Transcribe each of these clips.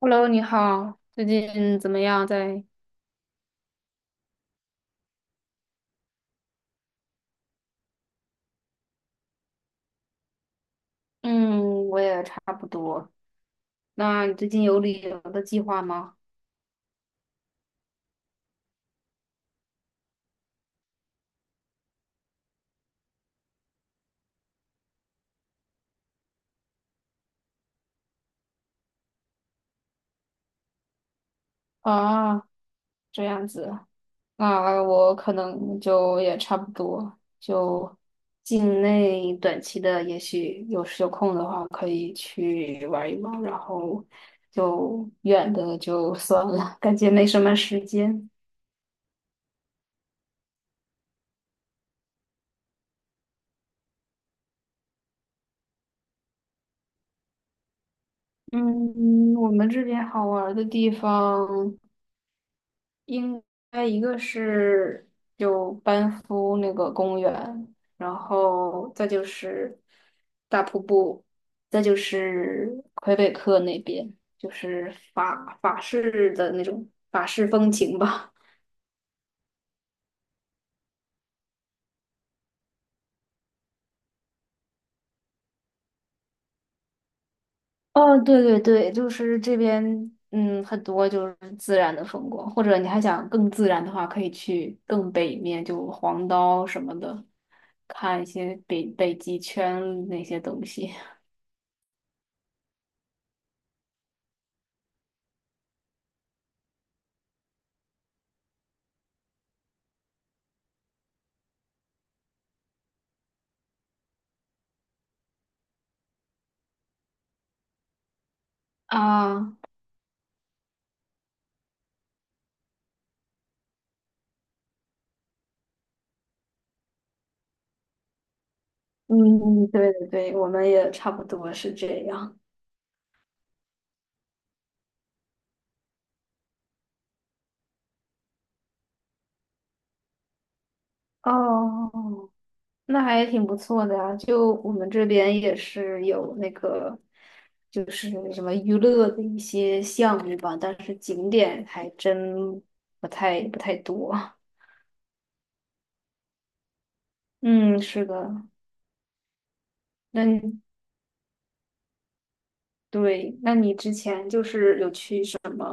Hello，你好，最近怎么样在？嗯，我也差不多。那你最近有旅游的计划吗？啊，这样子，那我可能就也差不多，就境内短期的，也许有时有空的话，可以去玩一玩，然后就远的就算了，感觉没什么时间。嗯，我们这边好玩的地方。应该一个是就班夫那个公园，然后再就是大瀑布，再就是魁北克那边，就是法式的那种法式风情吧。哦，对对对，就是这边，嗯，很多就是自然的风光，或者你还想更自然的话，可以去更北面，就黄刀什么的，看一些北极圈那些东西。 啊。嗯，对对对，我们也差不多是这样。哦，那还挺不错的呀。就我们这边也是有那个，就是什么娱乐的一些项目吧，但是景点还真不太多。嗯，是的。那你对，那你之前就是有去什么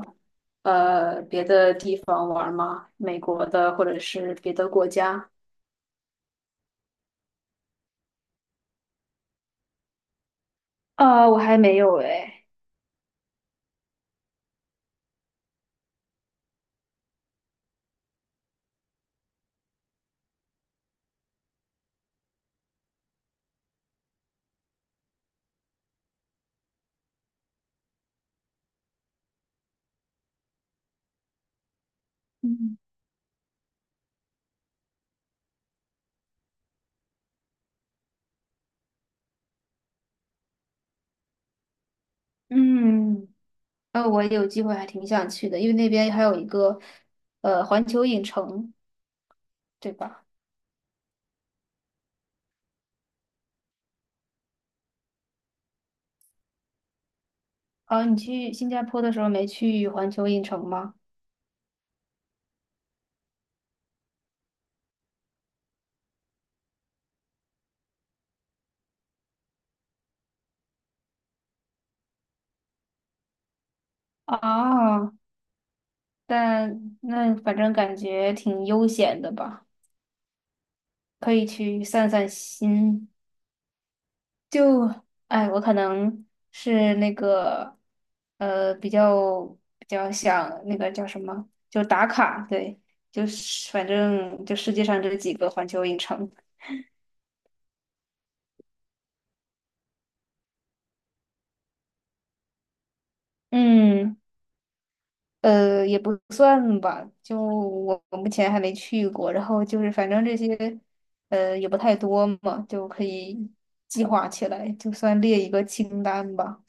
别的地方玩吗？美国的或者是别的国家？我还没有哎。嗯嗯。我有机会还挺想去的，因为那边还有一个环球影城，对吧？哦，你去新加坡的时候没去环球影城吗？哦，但那反正感觉挺悠闲的吧，可以去散散心。就，哎，我可能是那个呃比较比较想那个叫什么，就打卡，对，就是反正就世界上这几个环球影城，嗯。也不算吧，就我目前还没去过，然后就是反正这些，呃，也不太多嘛，就可以计划起来，就算列一个清单吧。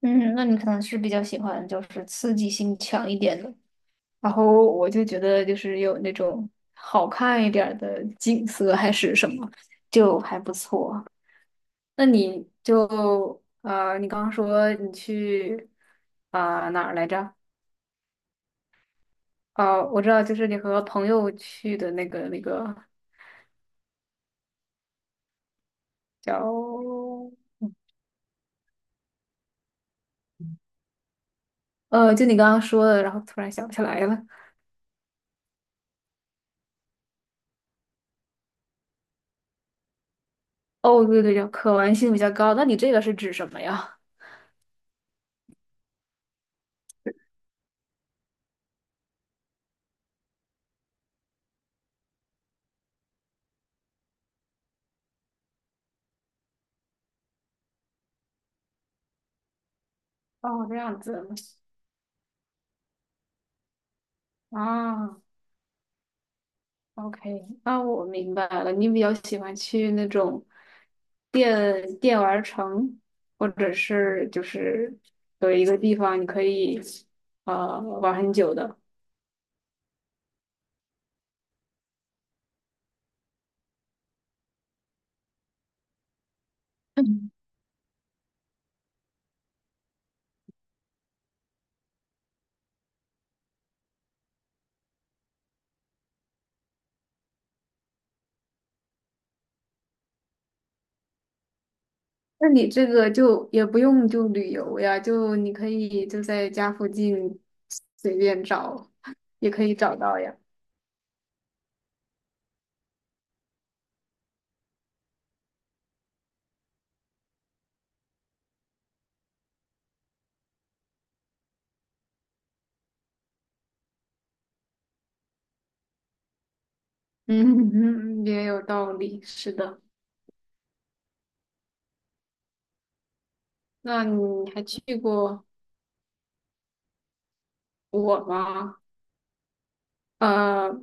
嗯，那你可能是比较喜欢就是刺激性强一点的，然后我就觉得就是有那种好看一点儿的景色还是什么，就还不错。那你就你刚刚说你去啊、哪儿来着？哦，我知道，就是你和朋友去的那个叫，就你刚刚说的，然后突然想不起来了。哦，对对对，可玩性比较高。那你这个是指什么呀？哦，这样子啊，OK，那我明白了。你比较喜欢去那种电玩城，或者是就是有一个地方你可以玩很久的。那你这个就也不用就旅游呀，就你可以就在家附近随便找，也可以找到呀。嗯，也有道理，是的。那你还去过我吗？呃，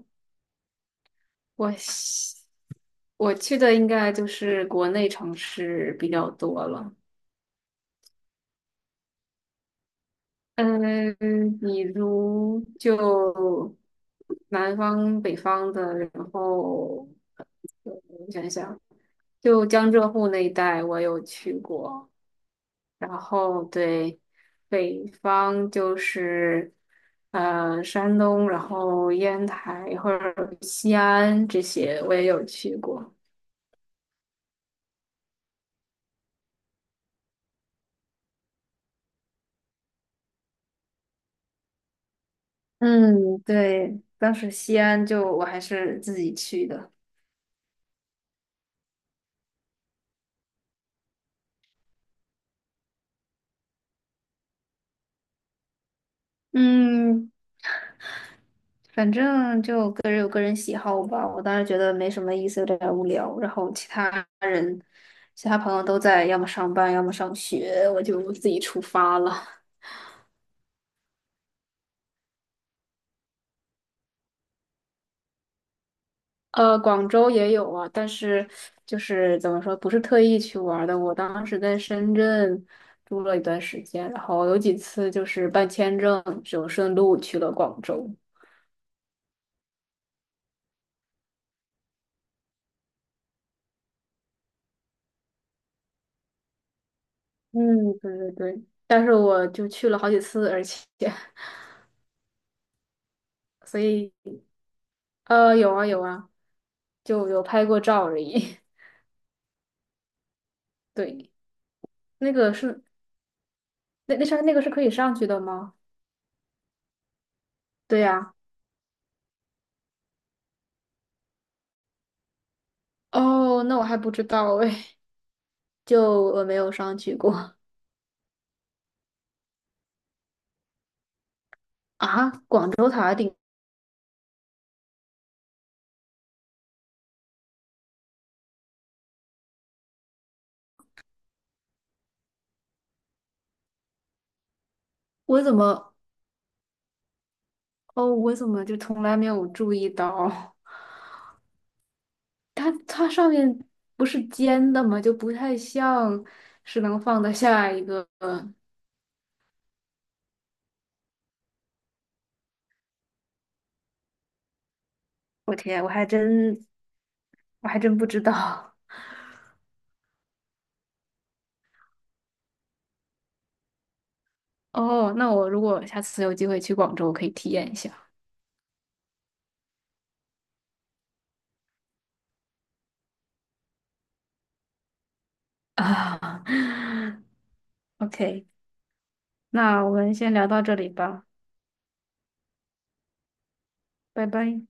我西我去的应该就是国内城市比较多了。嗯，比如就南方、北方的，然后。呃我想想。就江浙沪那一带我有去过，然后对北方就是山东，然后烟台或者西安这些我也有去过。嗯，对，当时西安就我还是自己去的。嗯，反正就个人有个人喜好吧。我当时觉得没什么意思，有点儿无聊。然后其他人、其他朋友都在要么上班，要么上学，我就自己出发了。广州也有啊，但是就是怎么说，不是特意去玩儿的。我当时在深圳住了一段时间，然后有几次就是办签证，就顺路去了广州。嗯，对对对，但是我就去了好几次，而且。 所以有啊有啊，就有拍过照而已。对，那个是那那上那个是可以上去的吗？对呀、哦，那我还不知道哎。就我没有上去过。 啊。广州塔顶，我怎么？哦，我怎么就从来没有注意到？它它上面不是尖的吗？就不太像是能放得下一个。我天，我还真不知道。哦，那我如果下次有机会去广州，我可以体验一下。啊，OK，那我们先聊到这里吧，拜拜。